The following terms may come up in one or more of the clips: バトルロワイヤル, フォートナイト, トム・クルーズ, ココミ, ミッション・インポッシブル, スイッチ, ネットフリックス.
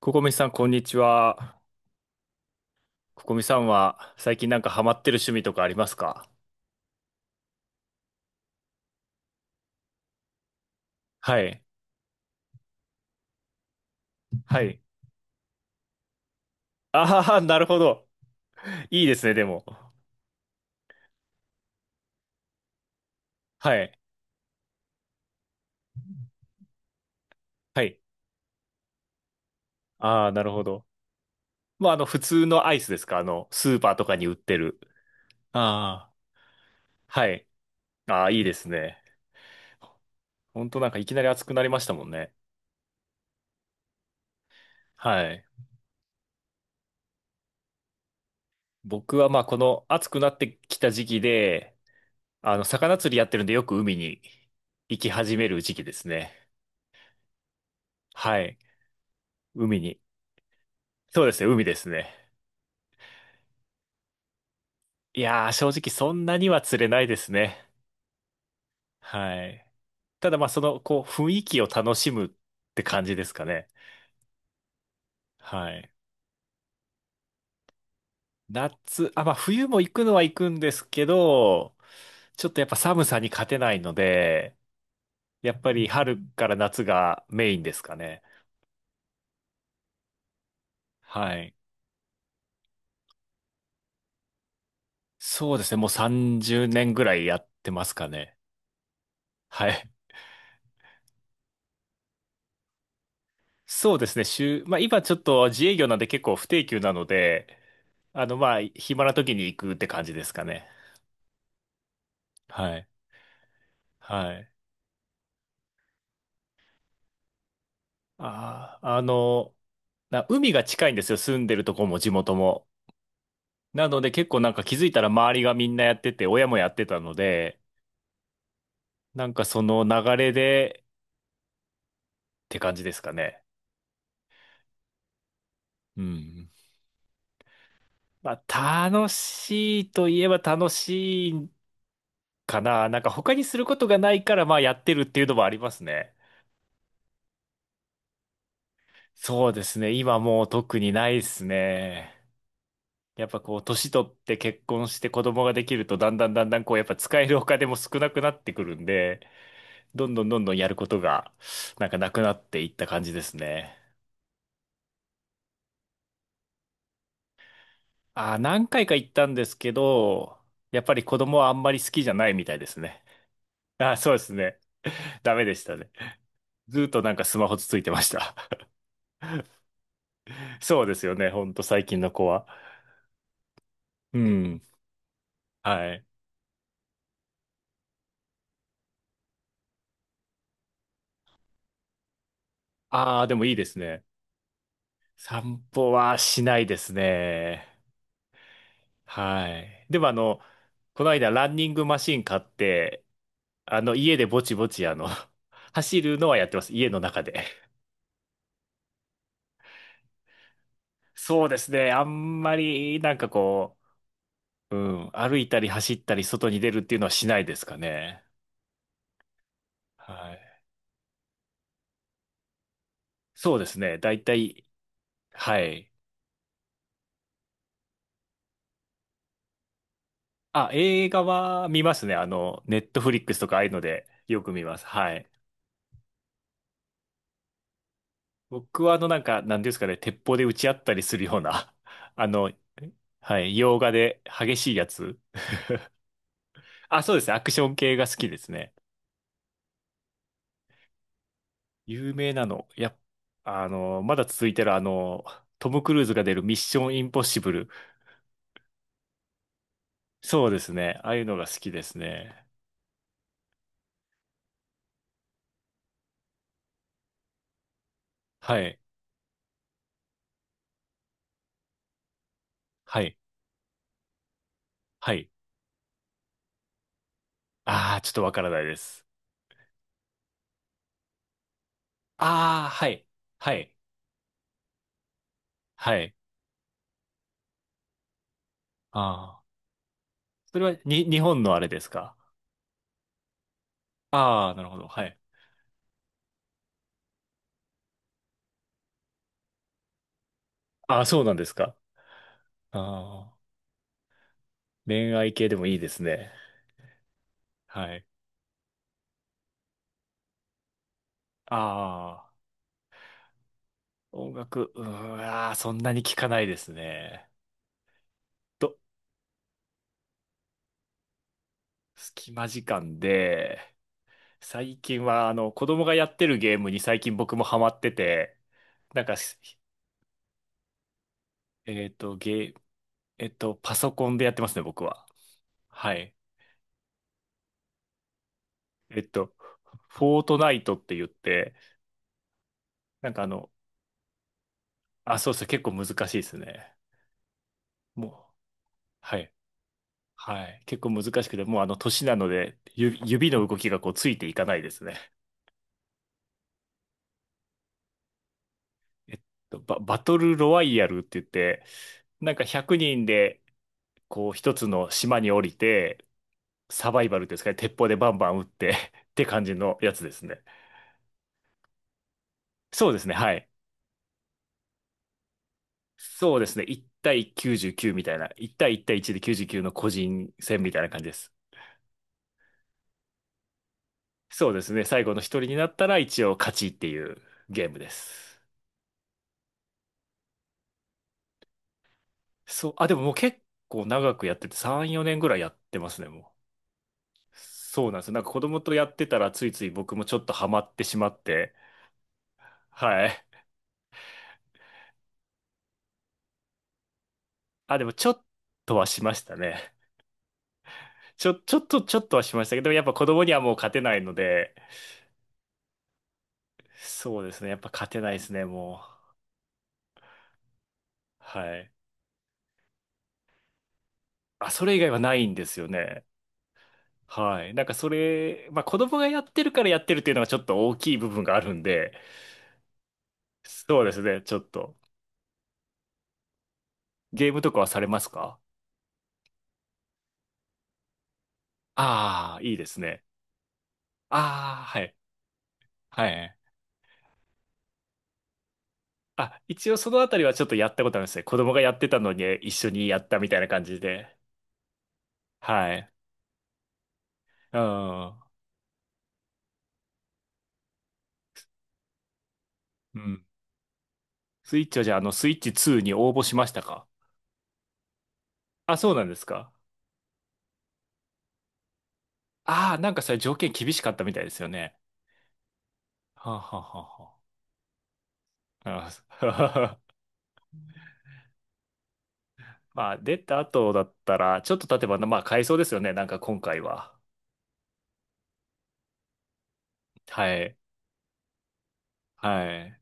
ココミさん、こんにちは。ココミさんは、最近なんかハマってる趣味とかありますか？はい。はい。ああ、なるほど。いいですね、でも。はい。はい。ああ、なるほど。まあ、普通のアイスですか？スーパーとかに売ってる。ああ。はい。ああ、いいですね。ほんとなんかいきなり暑くなりましたもんね。はい。僕はまあ、この暑くなってきた時期で、魚釣りやってるんでよく海に行き始める時期ですね。はい。海に、そうですね、海ですね。いやー、正直そんなには釣れないですね。はい。ただまあ、雰囲気を楽しむって感じですかね。はい。夏、あ、まあ、冬も行くのは行くんですけど、ちょっとやっぱ寒さに勝てないので、やっぱり春から夏がメインですかね。はい。そうですね、もう30年ぐらいやってますかね。はい。そうですね、まあ今ちょっと自営業なんで結構不定休なので、まあ、暇な時に行くって感じですかね。はい。はい。ああ、海が近いんですよ。住んでるとこも地元も。なので結構なんか気づいたら周りがみんなやってて、親もやってたので、なんかその流れでって感じですかね。うん。まあ、楽しいといえば楽しいかな。なんか他にすることがないから、まあやってるっていうのもありますね。そうですね。今もう特にないですね。やっぱこう、年取って結婚して子供ができると、だんだんこう、やっぱ使えるお金も少なくなってくるんで、どんどんやることが、なんかなくなっていった感じですね。ああ、何回か行ったんですけど、やっぱり子供はあんまり好きじゃないみたいですね。ああ、そうですね。ダメでしたね。ずーっとなんかスマホつついてました。そうですよね。ほんと最近の子は。うん。はい。ああ、でもいいですね。散歩はしないですね。はい。でもこの間ランニングマシン買って、家でぼちぼち走るのはやってます。家の中で。そうですね。あんまり、歩いたり走ったり外に出るっていうのはしないですかね。はい。そうですね。だいたい、はい。あ、映画は見ますね。ネットフリックスとかああいうのでよく見ます。はい。僕はなんていうんですかね、鉄砲で撃ち合ったりするような、あの、はい、洋画で激しいやつ。あ、そうですね。アクション系が好きですね。有名なの。まだ続いてるトム・クルーズが出るミッション・インポッシブル。そうですね。ああいうのが好きですね。はい。はい。はい。ああ、ちょっとわからないです。ああ、はい。はい。はい。ああ。それは、日本のあれですか？ああー、なるほど。はい。ああ、そうなんですか。ああ。恋愛系でもいいですね。はい。ああ。音楽、うーん、あーそんなに聞かないですね。ど隙間時間で、最近はあの子供がやってるゲームに最近僕もハマってて、なんかし、えっと、ゲー、パソコンでやってますね、僕は。はい。えっと、フォートナイトって言って、なんかあの、あ、そうそう、結構難しいですね。もう、はい。はい。結構難しくて、もう年なので、指の動きがこう、ついていかないですね。えっバトルロワイヤルって言って、なんか100人で、こう、一つの島に降りて、サバイバルですかね。鉄砲でバンバン撃って って感じのやつですね。そうですね。はい。そうですね。1対99みたいな。1対1対1で99の個人戦みたいな感じです。そうですね。最後の一人になったら一応勝ちっていうゲームです。そう。あ、でももう結構長くやってて3、4年ぐらいやってますね、もう。そうなんですよ。なんか子供とやってたらついつい僕もちょっとハマってしまって。はい。あ、でもちょっとはしましたね。ちょっとはしましたけど、やっぱ子供にはもう勝てないので、そうですね。やっぱ勝てないですね、もう。はい。あ、それ以外はないんですよね。はい。なんかそれ、まあ子供がやってるからやってるっていうのがちょっと大きい部分があるんで、そうですね、ちょっと。ゲームとかはされますか？ああー、いいですね。ああ、はい。はい。あ、一応そのあたりはちょっとやったことあるんですね。子供がやってたのに一緒にやったみたいな感じで。はい。うん。うん。スイッチはじゃあ、スイッチ2に応募しましたか？あ、そうなんですか。ああ、なんかそれ条件厳しかったみたいですよね。はあ、はあはあはあ、なるほど。 まあ、出た後だったら、ちょっと経てば、まあ、買えそうですよね。なんか今回は。はい。はい。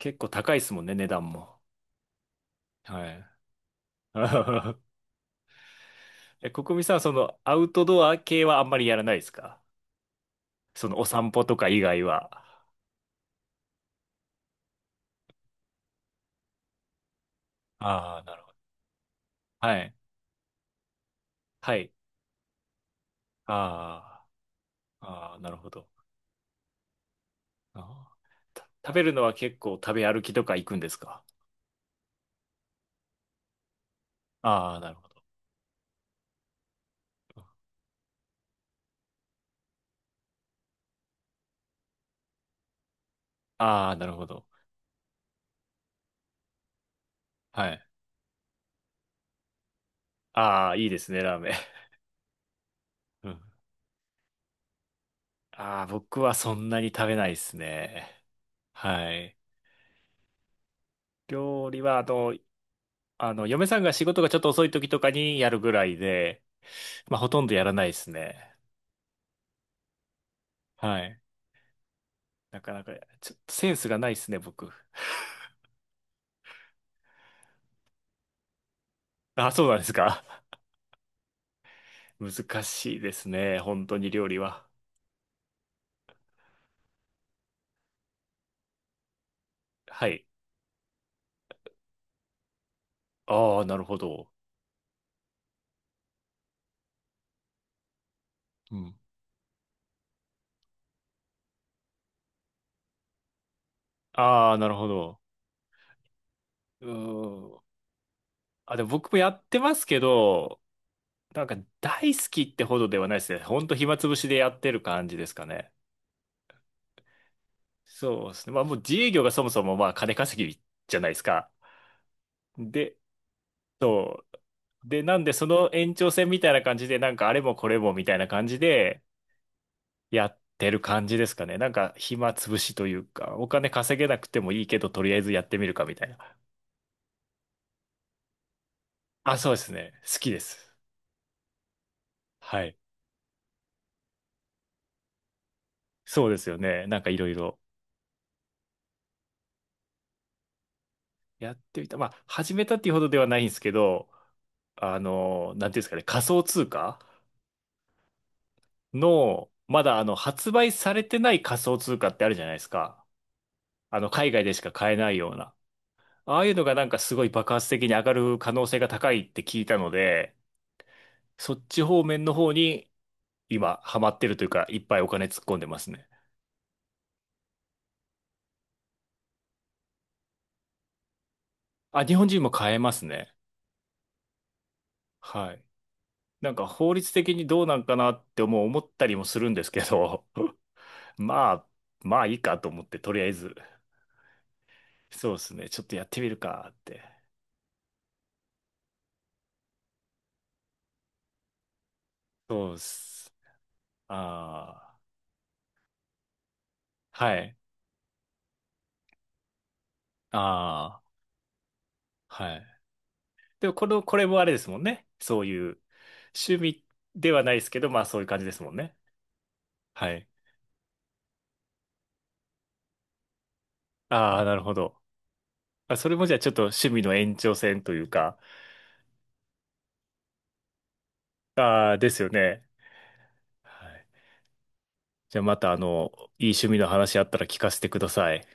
結構高いですもんね、値段も。はい。え、国民さん、その、アウトドア系はあんまりやらないですか？その、お散歩とか以外は。ああ、なるほど。はい。はい。ああ、ああ、なるほど。あーた食べるのは結構食べ歩きとか行くんですか？ああー、なるほど。ああ、なるほど。はい。ああ、いいですね、ラーメン。うん。ああ、僕はそんなに食べないですね。はい。料理は、あの、嫁さんが仕事がちょっと遅い時とかにやるぐらいで、まあ、ほとんどやらないですね。はい。なかなか、ちょっとセンスがないですね、僕。ああ、そうなんですか。難しいですね、本当に料理は。はい。ああ、なるほど。うん。ああ、なるほど。うーん。あ、でも僕もやってますけど、なんか大好きってほどではないですね。ほんと暇つぶしでやってる感じですかね。そうですね。まあもう自営業がそもそもまあ金稼ぎじゃないですか。で、そう。で、なんでその延長線みたいな感じで、なんかあれもこれもみたいな感じでやってる感じですかね。なんか暇つぶしというか、お金稼げなくてもいいけど、とりあえずやってみるかみたいな。あ、そうですね。好きです。はい。そうですよね。なんかいろいろ。やってみた。まあ、始めたっていうほどではないんですけど、あの、なんていうんですかね、仮想通貨の、まだ発売されてない仮想通貨ってあるじゃないですか。海外でしか買えないような。ああいうのがなんかすごい爆発的に上がる可能性が高いって聞いたので、そっち方面の方に今ハマってるというか、いっぱいお金突っ込んでますね。あ、日本人も買えますね。はい。なんか法律的にどうなんかなって思ったりもするんですけど、まあ、まあいいかと思って、とりあえず、そうですね、ちょっとやってみるかって。そうっす。ああ、はい。ああ、はい。でも、これもあれですもんね。そういう、趣味ではないですけど、まあそういう感じですもんね。はい。ああ、なるほど。あ、それもじゃあちょっと趣味の延長線というか、ああ、ですよね。はい。じゃあまた、いい趣味の話あったら聞かせてください。